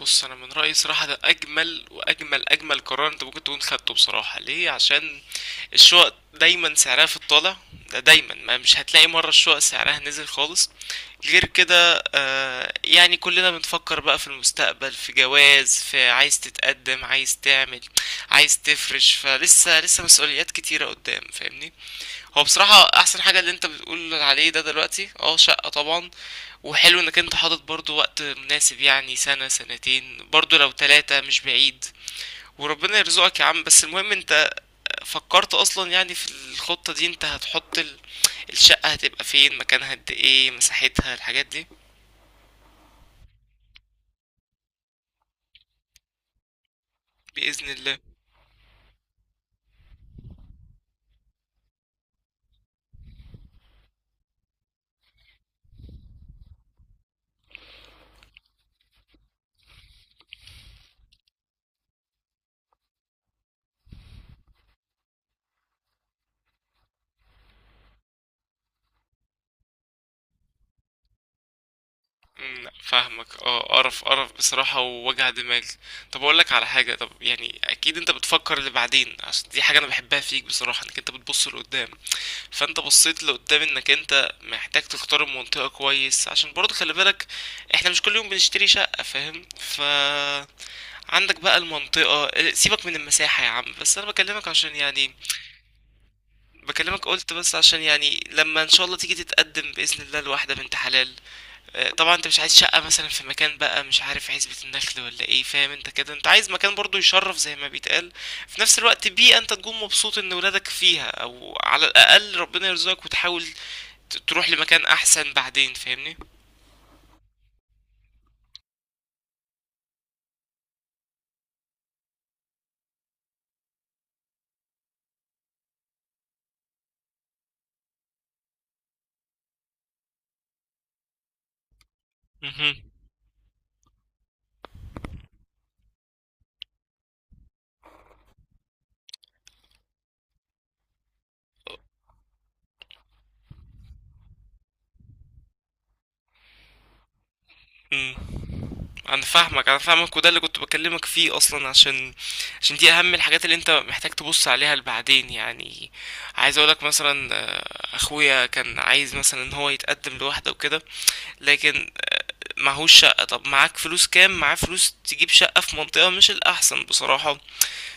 بص، انا من رايي صراحه ده اجمل واجمل اجمل قرار انت ممكن تكون خدته. بصراحه ليه؟ عشان الشقق دايما سعرها في الطالع، ده دايما ما مش هتلاقي مره الشقق سعرها نزل خالص. غير كده يعني كلنا بنفكر بقى في المستقبل، في جواز، في عايز تتقدم، عايز تعمل، عايز تفرش، فلسه لسه مسؤوليات كتيره قدام، فاهمني؟ هو بصراحة احسن حاجة اللي انت بتقول عليه ده دلوقتي شقة طبعا. وحلو انك انت حاطط برضو وقت مناسب، يعني سنة سنتين، برضو لو تلاتة مش بعيد. وربنا يرزقك يا عم. بس المهم انت فكرت اصلا يعني في الخطة دي؟ انت هتحط الشقة هتبقى فين؟ مكانها؟ قد ايه مساحتها؟ الحاجات دي. بإذن الله. مم، لأ، فاهمك. اه، قرف قرف بصراحة ووجع دماغ. طب اقول لك على حاجة، طب يعني اكيد انت بتفكر لبعدين، عشان دي حاجة انا بحبها فيك بصراحة، انك انت بتبص لقدام. فانت بصيت لقدام انك انت محتاج تختار المنطقة كويس، عشان برضه خلي بالك احنا مش كل يوم بنشتري شقة، فاهم؟ ف عندك بقى المنطقة، اه، سيبك من المساحة يا عم، بس انا بكلمك عشان يعني بكلمك قلت بس عشان يعني لما ان شاء الله تيجي تتقدم باذن الله لواحدة بنت حلال، اه، طبعا انت مش عايز شقة مثلا في مكان بقى مش عارف عزبة النخل ولا ايه، فاهم؟ انت كده انت عايز مكان برضه يشرف زي ما بيتقال، في نفس الوقت بيئة انت تكون مبسوط ان ولادك فيها، او على الاقل ربنا يرزقك وتحاول تروح لمكان احسن بعدين، فاهمني؟ مهم. مم. انا فاهمك انا فاهمك، وده اللي كنت بكلمك فيه اصلا، عشان دي اهم الحاجات اللي انت محتاج تبص عليها لبعدين يعني. عايز اقولك مثلا، اخويا كان عايز مثلا ان هو يتقدم لوحده وكده، لكن معهوش شقة. طب معاك فلوس كام؟ معاه فلوس تجيب شقة في منطقة مش الاحسن بصراحة،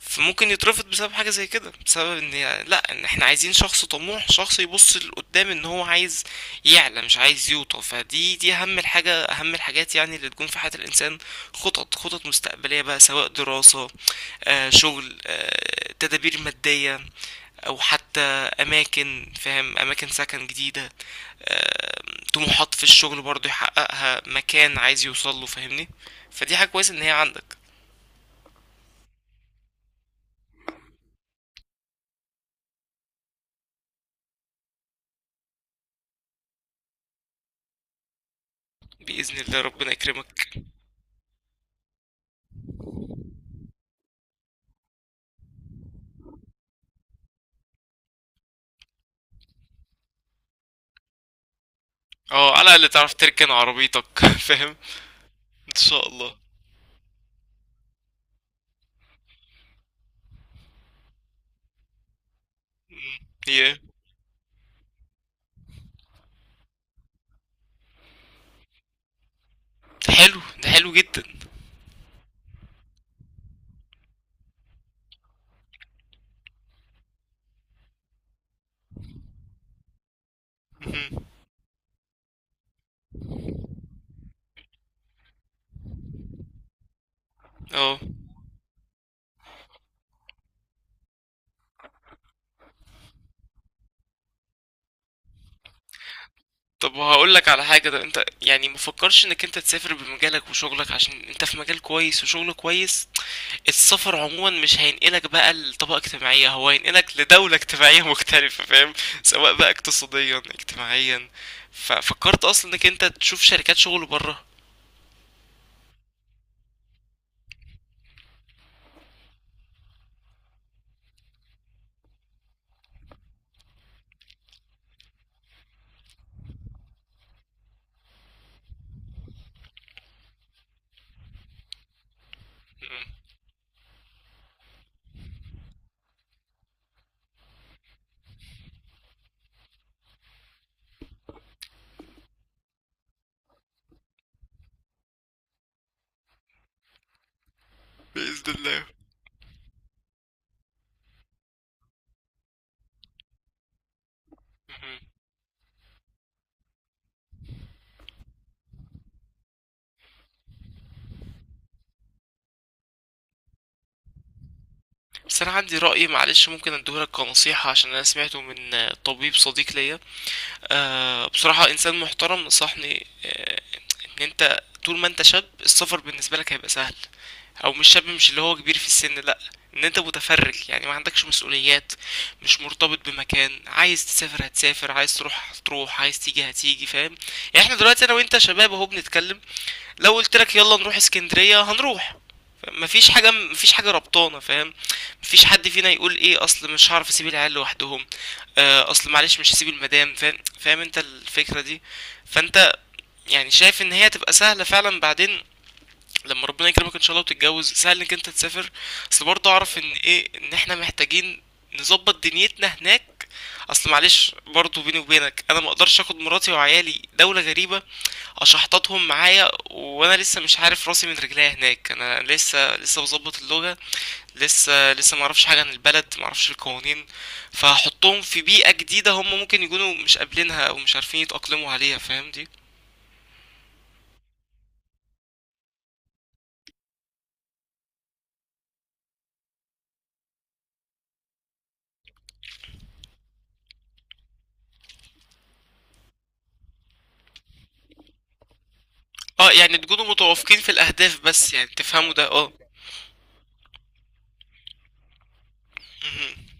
فممكن يترفض بسبب حاجة زي كده، بسبب ان لا، ان احنا عايزين شخص طموح، شخص يبص لقدام، ان هو عايز يعلى مش عايز يوطى. فدي اهم الحاجة، اهم الحاجات يعني اللي تكون في حياة الانسان. خطط، خطط مستقبلية بقى، سواء دراسة، شغل، تدابير مادية، او حتى اماكن، فاهم؟ اماكن سكن جديدة، طموحات في الشغل برضه يحققها، مكان عايز يوصله، فاهمني؟ فدي حاجة كويسة ان هي عندك. بإذن الله ربنا يكرمك. اه، على الأقل تعرف تركن عربيتك فاهم. ان شاء الله. مم. ياه. ده حلو، ده حلو جدا. مهم. اه. طب هقول لك على حاجة، ده انت يعني مفكرش انك انت تسافر بمجالك وشغلك؟ عشان انت في مجال كويس وشغل كويس. السفر عموما مش هينقلك بقى لطبقة اجتماعية، هو هينقلك لدولة اجتماعية مختلفة، فاهم؟ سواء بقى اقتصاديا اجتماعيا. ففكرت اصلا انك انت تشوف شركات شغل بره؟ مم. بإذن الله. بس انا عندي رأي، معلش ممكن اديهولك كنصيحة، عشان انا سمعته من طبيب صديق ليا، بصراحة انسان محترم نصحني. ان انت طول ما انت شاب السفر بالنسبة لك هيبقى سهل، او مش شاب، مش اللي هو كبير في السن لا، ان انت متفرج يعني ما عندكش مسؤوليات، مش مرتبط بمكان، عايز تسافر هتسافر، عايز تروح هتروح، عايز تيجي هتيجي، فاهم؟ يعني احنا دلوقتي انا وانت شباب اهو بنتكلم، لو قلت لك يلا نروح اسكندرية هنروح. مفيش حاجة، مفيش حاجة ربطانة، فاهم؟ مفيش حد فينا يقول ايه اصل مش هعرف اسيب العيال لوحدهم، اصل معلش مش هسيب المدام، فاهم؟ فاهم انت الفكرة دي؟ فانت يعني شايف ان هي تبقى سهلة فعلا بعدين لما ربنا يكرمك ان شاء الله وتتجوز، سهل انك انت تسافر. اصل برضه اعرف ان ايه، ان احنا محتاجين نظبط دنيتنا هناك. اصل معلش برضه بيني وبينك انا ما اقدرش اخد مراتي وعيالي دولة غريبة اشحططهم معايا وانا لسه مش عارف راسي من رجليا هناك، انا لسه لسه بظبط اللغة، لسه لسه معرفش حاجة عن البلد، معرفش القوانين، فهحطهم في بيئة جديدة هم ممكن يكونوا مش قابلينها او مش عارفين يتأقلموا عليها، فاهم دي؟ اه، يعني تكونوا متوافقين في الاهداف، بس يعني تفهموا ده، اه. مهم.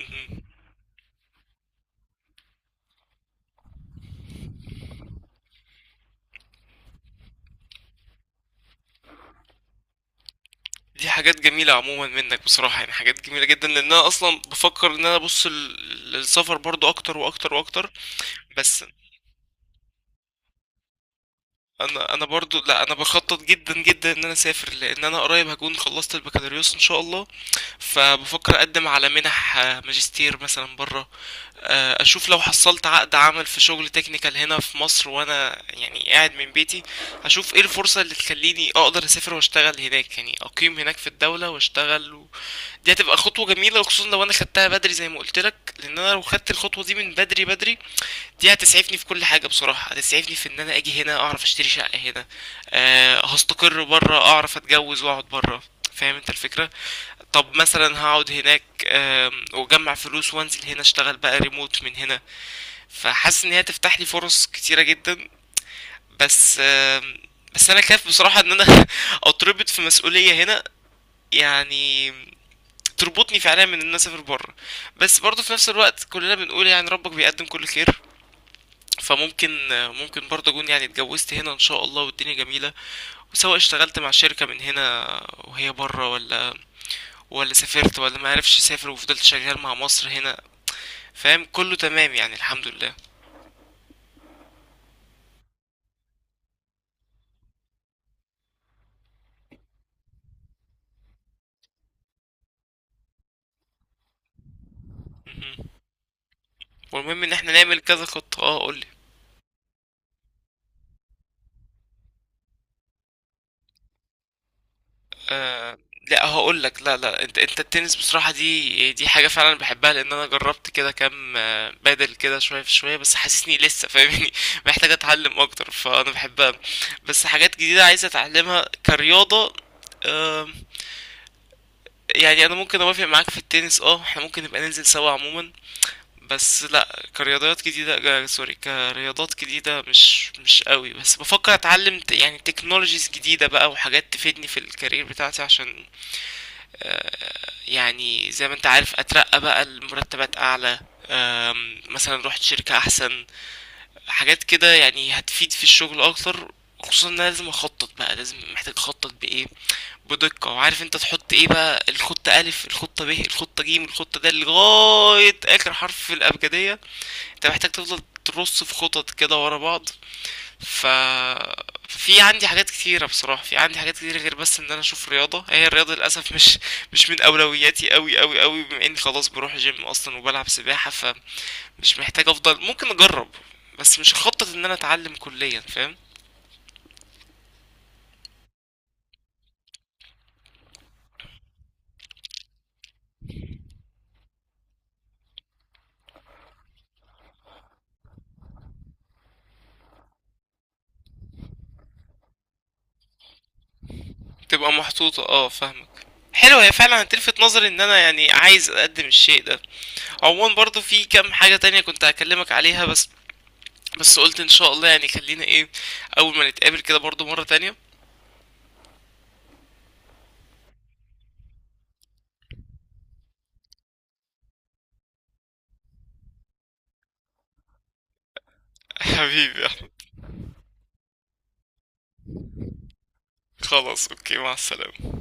مهم. دي حاجات جميلة عموما منك بصراحة، يعني حاجات جميلة جدا، لان انا اصلا بفكر ان انا ابص للسفر برضو، اكتر واكتر واكتر. بس انا برضو، لا، انا بخطط جدا جدا ان انا اسافر، لان انا قريب هكون خلصت البكالوريوس ان شاء الله. فبفكر اقدم على منح، ماجستير مثلا بره. اشوف لو حصلت عقد عمل في شغل تكنيكال هنا في مصر وانا يعني قاعد من بيتي. اشوف ايه الفرصة اللي تخليني اقدر اسافر واشتغل هناك، يعني اقيم هناك في الدولة واشتغل و... دي هتبقى خطوة جميلة، وخصوصا لو انا خدتها بدري زي ما قلت لك، لان انا لو خدت الخطوة دي من بدري بدري، دي هتسعفني في كل حاجة بصراحة، هتسعفني في ان انا اجي هنا اعرف اشتري شقة هنا، أه هستقر برا، اعرف اتجوز واقعد برا، فاهم انت الفكرة؟ طب مثلا هقعد هناك، واجمع فلوس، وانزل هنا اشتغل بقى ريموت من هنا. فحاسس ان هي تفتح لي فرص كتيرة جدا. بس آم، بس انا خايف بصراحة ان انا اتربط في مسؤولية هنا، يعني تربطني فعليا من ان انا اسافر بره. بس برضه في نفس الوقت كلنا بنقول يعني ربك بيقدم كل خير. فممكن ممكن برضه اكون يعني اتجوزت هنا ان شاء الله والدنيا جميله، وسواء اشتغلت مع شركه من هنا وهي بره، ولا سافرت ولا ما عرفش اسافر وفضلت شغال مع مصر هنا، فاهم؟ كله تمام يعني الحمد لله. مهم. والمهم ان احنا نعمل كذا خطه، اه قول. آه، لا هقول لك، لا لا، انت التنس بصراحة، دي حاجة فعلا بحبها، لان انا جربت كده كام، بادل كده شوية في شوية، بس حاسسني لسه، فاهمني؟ محتاج اتعلم اكتر، فانا بحبها. بس حاجات جديدة عايز اتعلمها كرياضة، آه يعني، انا ممكن اوافق معاك في التنس، اه احنا ممكن نبقى ننزل سوا عموما. بس لا، كرياضات جديدة، سوري، كرياضات جديدة مش قوي، بس بفكر اتعلم يعني تكنولوجيز جديدة بقى، وحاجات تفيدني في الكارير بتاعتي، عشان يعني زي ما انت عارف اترقى بقى لمرتبات اعلى، مثلا رحت شركة احسن، حاجات كده يعني هتفيد في الشغل اكتر. خصوصا ان انا لازم اخطط بقى، لازم محتاج اخطط بايه، بدقة، وعارف انت تحط ايه بقى، الخطة الف، الخطة ب، الخطة ج، الخطة د، لغاية اخر حرف في الابجدية. انت محتاج تفضل ترص في خطط كده ورا بعض. ف عندي حاجات كتيرة بصراحة، في عندي حاجات كتيرة غير بس ان انا اشوف رياضة. هي الرياضة للأسف مش مش من اولوياتي اوي اوي اوي، بما اني خلاص بروح جيم اصلا وبلعب سباحة، فمش محتاج. افضل ممكن اجرب، بس مش خطط ان انا اتعلم كليا، فاهم؟ تبقى محطوطة، اه فاهمك. حلو، هي فعلا هتلفت نظري ان انا يعني عايز اقدم الشيء ده. عموما برضو في كام حاجة تانية كنت هكلمك عليها، بس قلت ان شاء الله يعني خلينا ايه، اول ما نتقابل كده برضو مرة تانية. حبيبي. خلاص اوكي، مع السلامة.